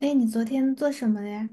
哎，你昨天做什么了呀？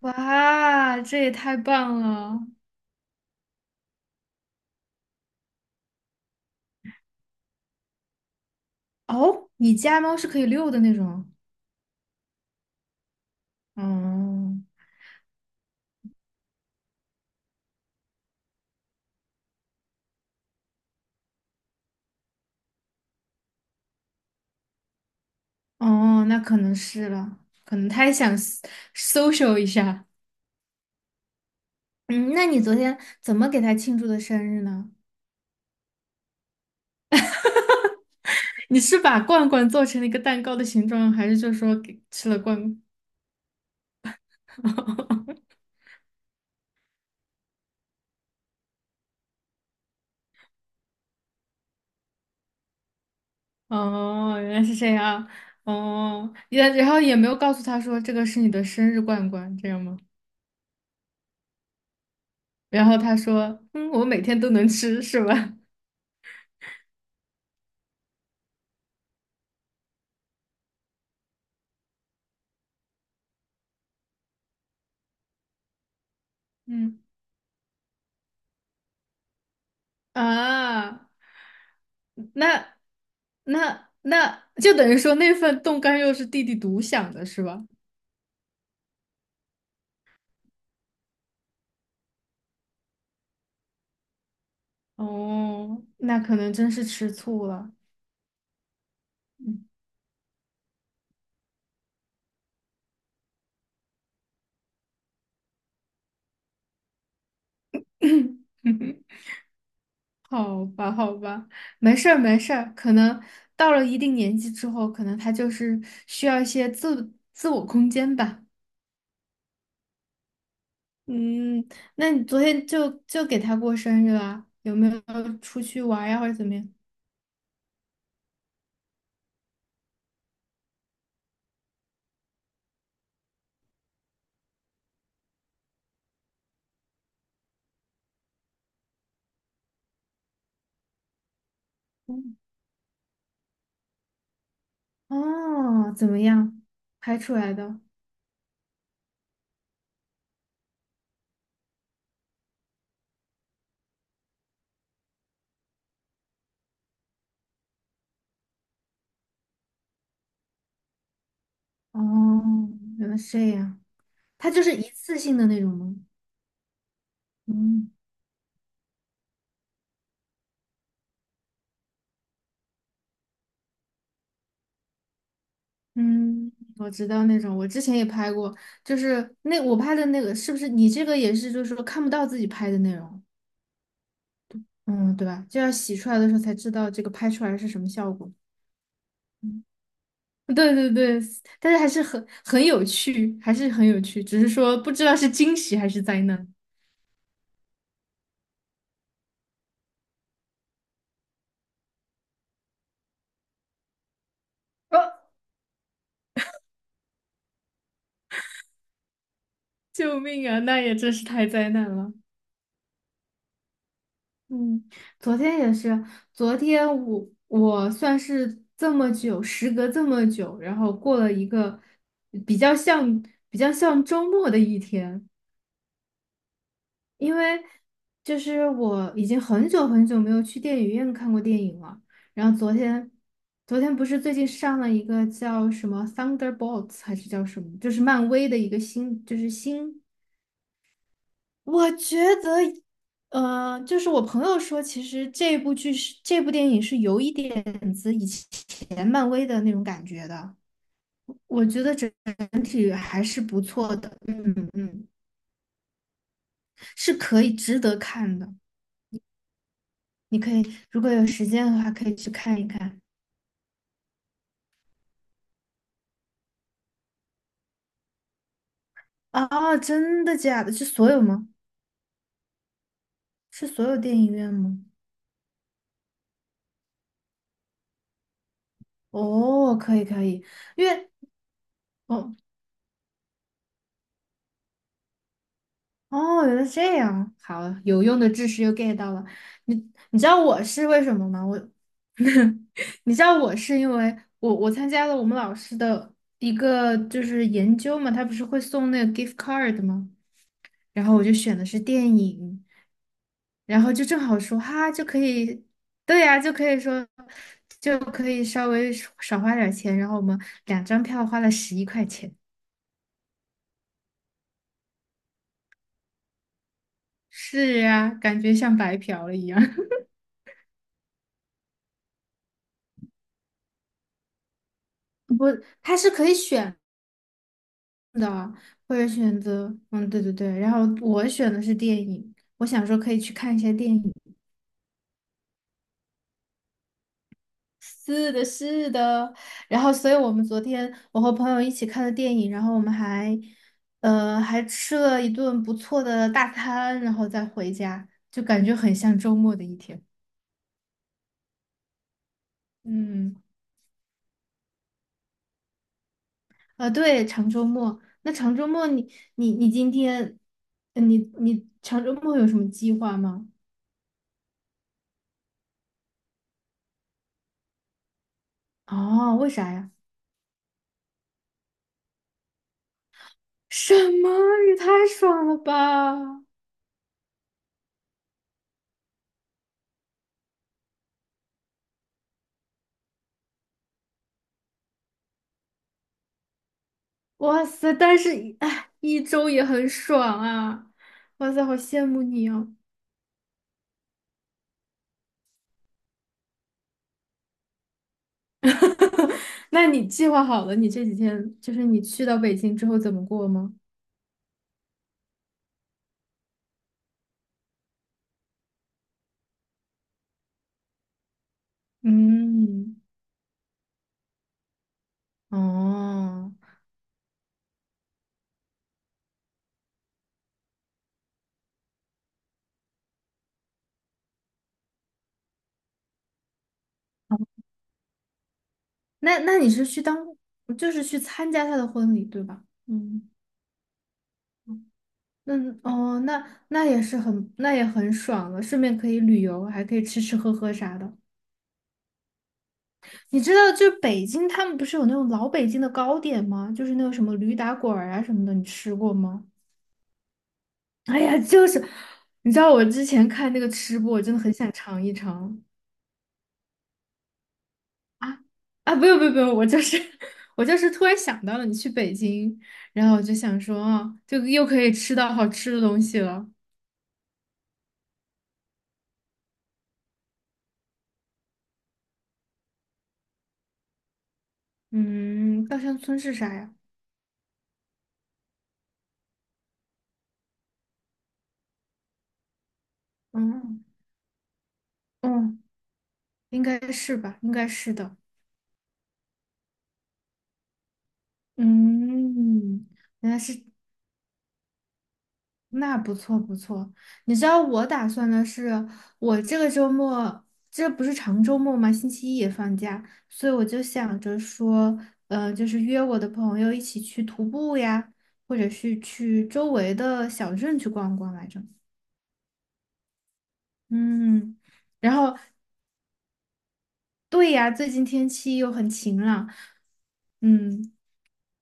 哇，这也太棒了！哦，你家猫是可以遛的那种。哦哦，那可能是了，可能它也想 social 一下。嗯，那你昨天怎么给它庆祝的生日呢？你是把罐罐做成了一个蛋糕的形状，还是就说给吃了罐？哦，原来是这样。哦，也然后也没有告诉他说这个是你的生日罐罐，这样吗？然后他说："嗯，我每天都能吃，是吧？" 嗯啊，那那就等于说那份冻干肉是弟弟独享的，是吧？哦，那可能真是吃醋了。嗯 好吧，好吧，没事儿，没事儿。可能到了一定年纪之后，可能他就是需要一些我空间吧。嗯，那你昨天就给他过生日啦？有没有出去玩儿呀，或者怎么样？嗯哦，怎么样？拍出来的？哦，原来是这样。它就是一次性的那种吗？嗯嗯，我知道那种，我之前也拍过，就是那我拍的那个，是不是你这个也是，就是说看不到自己拍的内容，嗯，对吧？就要洗出来的时候才知道这个拍出来是什么效果。对对对，但是还是很有趣，还是很有趣，只是说不知道是惊喜还是灾难。啊，救命啊！那也真是太灾难了。嗯，昨天也是，昨天我算是这么久，时隔这么久，然后过了一个比较像比较像周末的一天。因为就是我已经很久很久没有去电影院看过电影了。然后昨天，昨天不是最近上了一个叫什么《Thunderbolts》还是叫什么，就是漫威的一个新，就是新。我觉得，就是我朋友说，其实这部电影是有一点子以前漫威的那种感觉的。我觉得体还是不错的，嗯嗯，是可以值得看的。你可以如果有时间的话，可以去看一看。啊！真的假的？是所有吗？是所有电影院吗？哦，可以可以，因为哦哦，原来是这样，好，有用的知识又 get 到了。你你知道我是为什么吗？我，你知道我是因为我参加了我们老师的一个就是研究嘛，他不是会送那个 gift card 吗？然后我就选的是电影，然后就正好说哈，就可以，对呀、就可以说，就可以稍微少花点儿钱。然后我们两张票花了11块钱。是呀、感觉像白嫖了一样。不，它是可以选的，或者选择，嗯，对对对。然后我选的是电影，我想说可以去看一下电影。是的，是的。然后，所以我们昨天我和朋友一起看了电影，然后我们还，还吃了一顿不错的大餐，然后再回家，就感觉很像周末的一天。嗯，对，长周末。那长周末你，你今天，你你长周末有什么计划吗？哦，为啥呀？什么？也太爽了吧！哇塞，但是，哎，一周也很爽啊！哇塞，好羡慕你哦。哈哈，那你计划好了，你这几天就是你去到北京之后怎么过吗？嗯，哦，那那你是去当，就是去参加他的婚礼，对吧？嗯，那哦，那那也是很，那也很爽了，顺便可以旅游，还可以吃吃喝喝啥的。你知道，就北京他们不是有那种老北京的糕点吗？就是那种什么驴打滚儿啊什么的，你吃过吗？哎呀，就是，你知道我之前看那个吃播，我真的很想尝一尝。啊啊，不用不用不用，我就是 我就是突然想到了你去北京，然后我就想说啊，就又可以吃到好吃的东西了。嗯，稻香村是啥呀？嗯嗯，应该是吧，应该是的。嗯，原来是那不错不错，你知道我打算的是，我这个周末，这不是长周末吗？星期一也放假，所以我就想着说，就是约我的朋友一起去徒步呀，或者是去周围的小镇去逛逛来着。嗯，然后对呀，最近天气又很晴朗，嗯，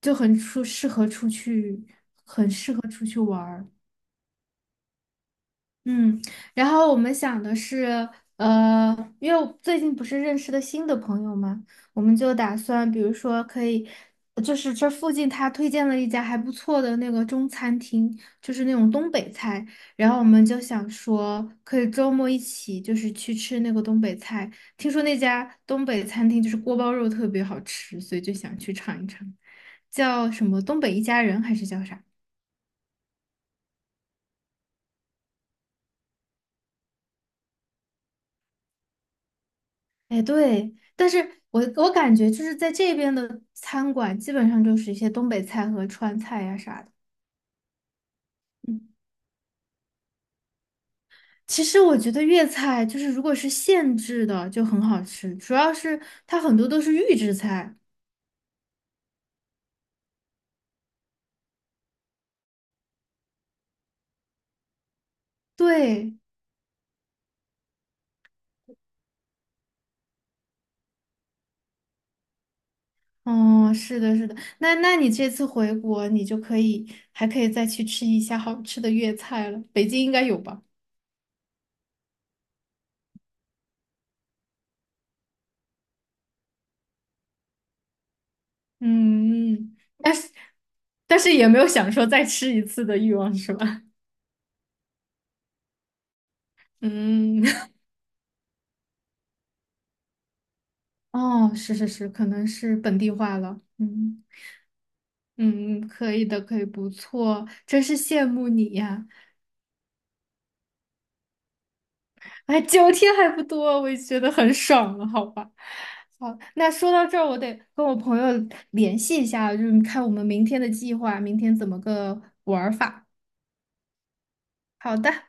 就很出适合出去，很适合出去玩儿。嗯，然后我们想的是，因为我最近不是认识了新的朋友嘛，我们就打算，比如说可以，就是这附近他推荐了一家还不错的那个中餐厅，就是那种东北菜，然后我们就想说，可以周末一起就是去吃那个东北菜，听说那家东北餐厅就是锅包肉特别好吃，所以就想去尝一尝，叫什么东北一家人还是叫啥？哎，对，但是我感觉就是在这边的餐馆，基本上就是一些东北菜和川菜呀、啥的。嗯，其实我觉得粤菜就是如果是现制的就很好吃，主要是它很多都是预制菜。对，嗯，是的，是的。那那你这次回国，你就可以还可以再去吃一下好吃的粤菜了，北京应该有吧？嗯，嗯但是但是也没有想说再吃一次的欲望，是吧？嗯。哦，是是是，可能是本地化了。嗯嗯，可以的，可以，不错，真是羡慕你呀！哎，9天还不多，我也觉得很爽了，好吧？好，那说到这儿，我得跟我朋友联系一下，就是看我们明天的计划，明天怎么个玩儿法。好的。